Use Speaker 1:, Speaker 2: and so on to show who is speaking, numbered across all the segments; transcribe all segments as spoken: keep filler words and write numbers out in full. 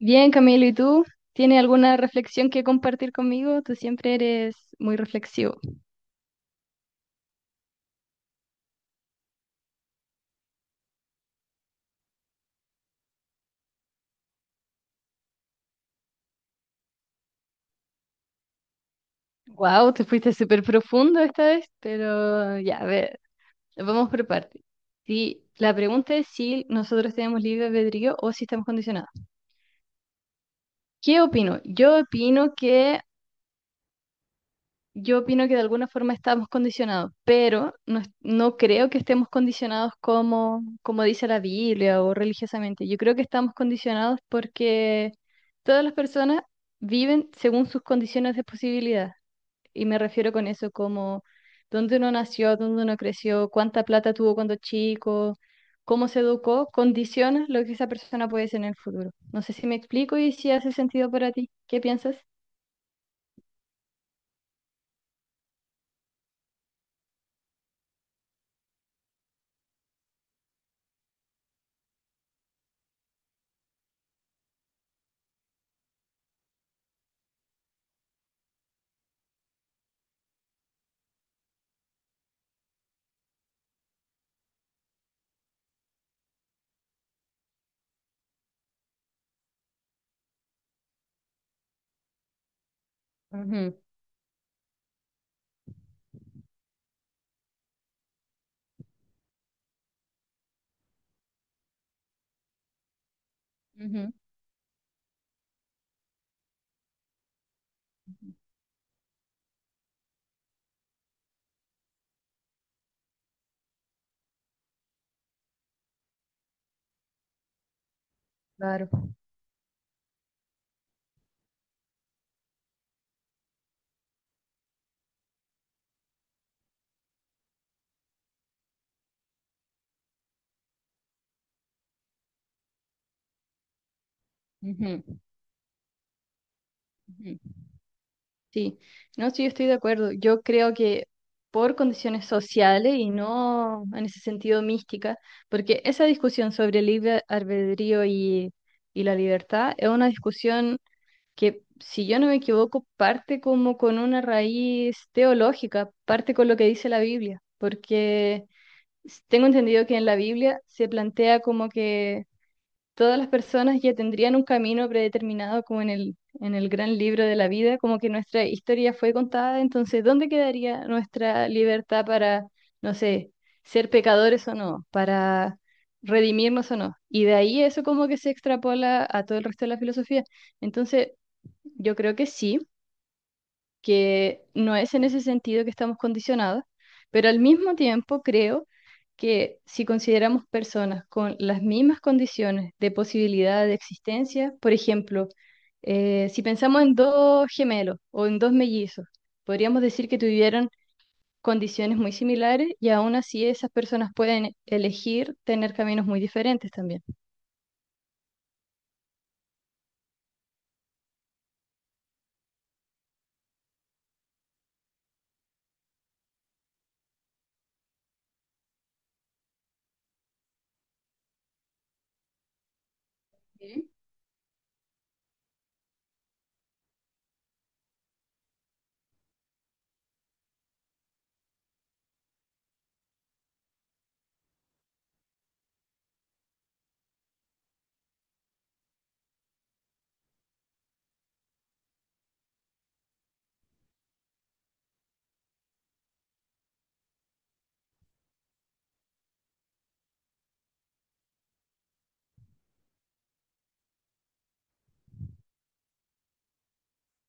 Speaker 1: Bien, Camilo, ¿y tú? ¿Tienes alguna reflexión que compartir conmigo? Tú siempre eres muy reflexivo. Wow, te fuiste súper profundo esta vez, pero ya, a ver, vamos por partes. Sí, la pregunta es si nosotros tenemos libre albedrío o si estamos condicionados. ¿Qué opino? Yo opino que Yo opino que de alguna forma estamos condicionados, pero no, es- no creo que estemos condicionados como, como dice la Biblia o religiosamente. Yo creo que estamos condicionados porque todas las personas viven según sus condiciones de posibilidad. Y me refiero con eso como dónde uno nació, dónde uno creció, cuánta plata tuvo cuando chico, cómo se educó, condiciona lo que esa persona puede ser en el futuro. No sé si me explico y si hace sentido para ti. ¿Qué piensas? Ujú, ujú. Claro. Ujú, ujú. Sí, no, sí, yo estoy de acuerdo. Yo creo que por condiciones sociales y no en ese sentido mística, porque esa discusión sobre el libre albedrío y, y la libertad es una discusión que, si yo no me equivoco, parte como con una raíz teológica, parte con lo que dice la Biblia, porque s- tengo entendido que en la Biblia se plantea como que todas las personas ya tendrían un camino predeterminado como en el, en el gran libro de la vida, como que nuestra historia fue contada, entonces, ¿dónde quedaría nuestra libertad para, no sé, ser pecadores o no, para redimirnos o no? Y de ahí eso como que se extrapola a todo el resto de la filosofía. Entonces, yo creo que sí, que no es en ese sentido que estamos condicionados, pero al mismo tiempo creo que si consideramos personas con las mismas condiciones de posibilidad de existencia, por ejemplo, eh, si pensamos en dos gemelos o en dos mellizos, podríamos decir que tuvieron condiciones muy similares y aún así esas personas pueden elegir tener caminos muy diferentes también.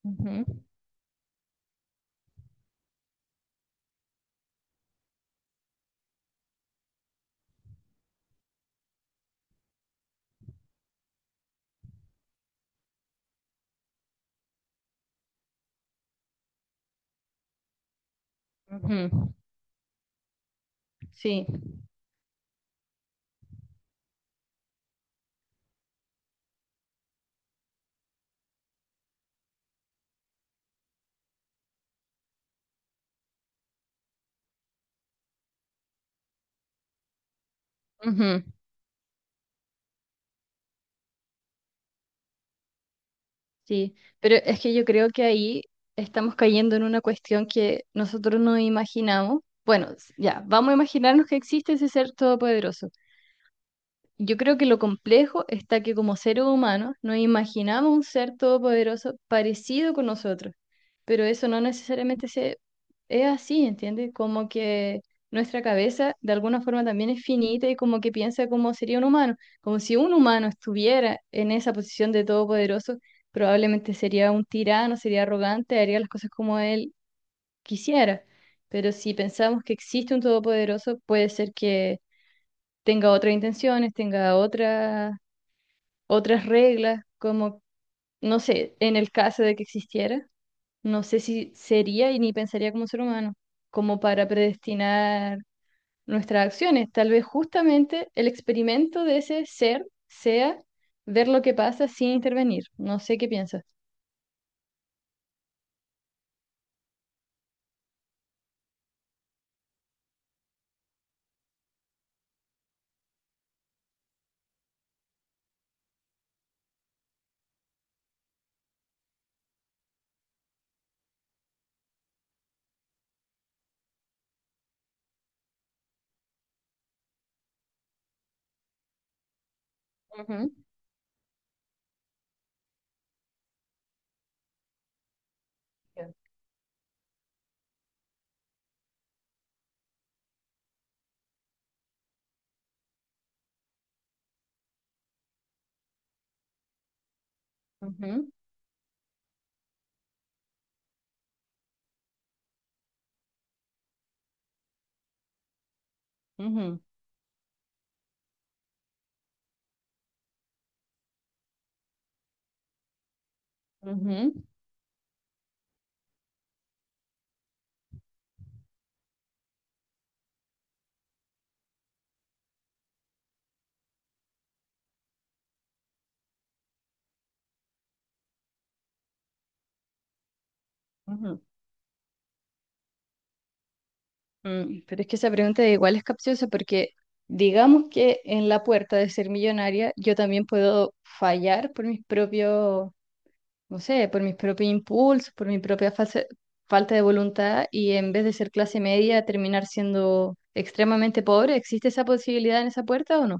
Speaker 1: Ujú, ujú. Sí, ujú. Sí, pero es que yo creo que ahí estamos cayendo en una cuestión que nosotros no imaginamos. Bueno, s- ya, vamos a imaginarnos que existe ese ser todopoderoso. Yo creo que lo complejo está que como seres humanos nos imaginamos un ser todopoderoso parecido con nosotros, pero eso no necesariamente se, es así, ¿entiendes? Como que nuestra cabeza de alguna forma también es finita y como que piensa como sería un humano, como si un humano estuviera en esa posición de todopoderoso, probablemente sería un tirano, sería arrogante, haría las cosas como él quisiera, pero si pensamos que existe un todopoderoso, puede ser que tenga otras intenciones, tenga otra- otras reglas, como, no sé, en el caso de que existiera, no sé si sería y ni pensaría como ser humano, como para predestinar nuestras acciones. Tal vez justamente el experimento de ese ser sea ver lo que pasa sin intervenir. No sé qué piensas. Ujú, ujú, ujú, ujú, ujú. Mm, pero es que esa pregunta de igual es capciosa porque digamos que en la puerta de ser millonaria yo también puedo fallar por mis propios, no sé, por mis propios impulsos, por mi propia fase- falta de voluntad y en vez de ser clase media terminar siendo extremadamente pobre. ¿Existe esa posibilidad en esa puerta o no?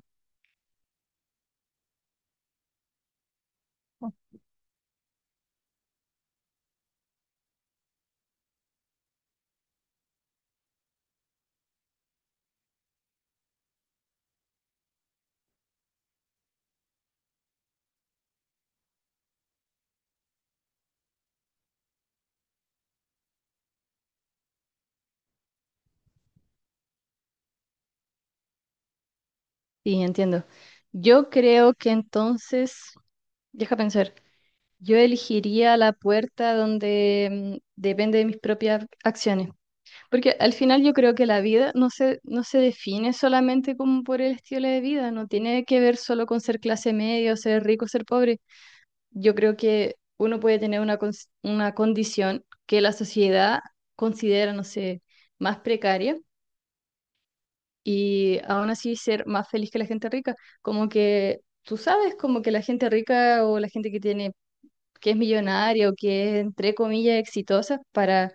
Speaker 1: Sí, entiendo. Yo creo que entonces, deja pensar, yo elegiría la puerta donde mm, depende de mis propias acciones. Porque al final yo creo que la vida no se, no se define solamente como por el estilo de vida, no tiene que ver solo con ser clase media, o ser rico, ser pobre. Yo creo que uno puede tener una, cons- una condición que la sociedad considera, no sé, más precaria y aún así ser más feliz que la gente rica. Como que tú sabes, como que la gente rica o la gente que tiene, que es millonaria o que es, entre comillas, exitosa para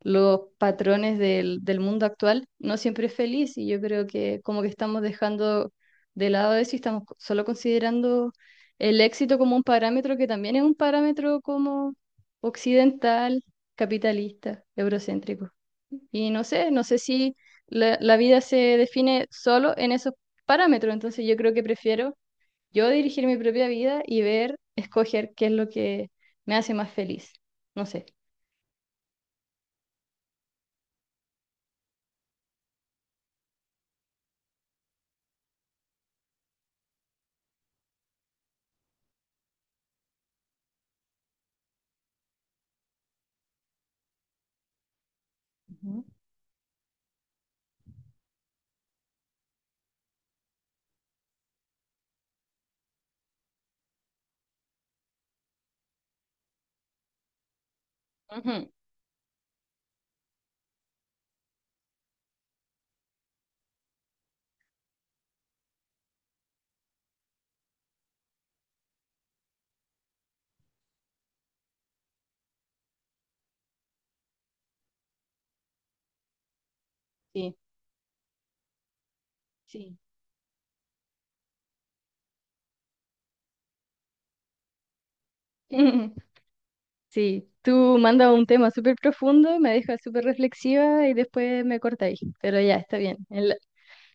Speaker 1: los patrones del, del mundo actual no siempre es feliz y yo creo que como que estamos dejando de lado eso y estamos co- solo considerando el éxito como un parámetro que también es un parámetro como occidental, capitalista, eurocéntrico. Y no sé, no sé si la, la vida se define solo en esos parámetros, entonces yo creo que prefiero yo dirigir mi propia vida y ver, escoger qué es lo que me hace más feliz. No sé. Ujú. Ujú. Sí, sí. Sí, tú mandas un tema súper profundo, me dejas súper reflexiva y después me cortáis. Pero ya, está bien. En la,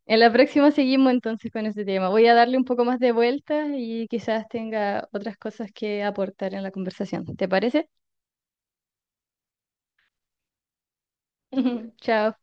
Speaker 1: En la próxima seguimos entonces con ese tema. Voy a darle un poco más de vuelta y quizás tenga otras cosas que aportar en la conversación. ¿Te parece? Chao.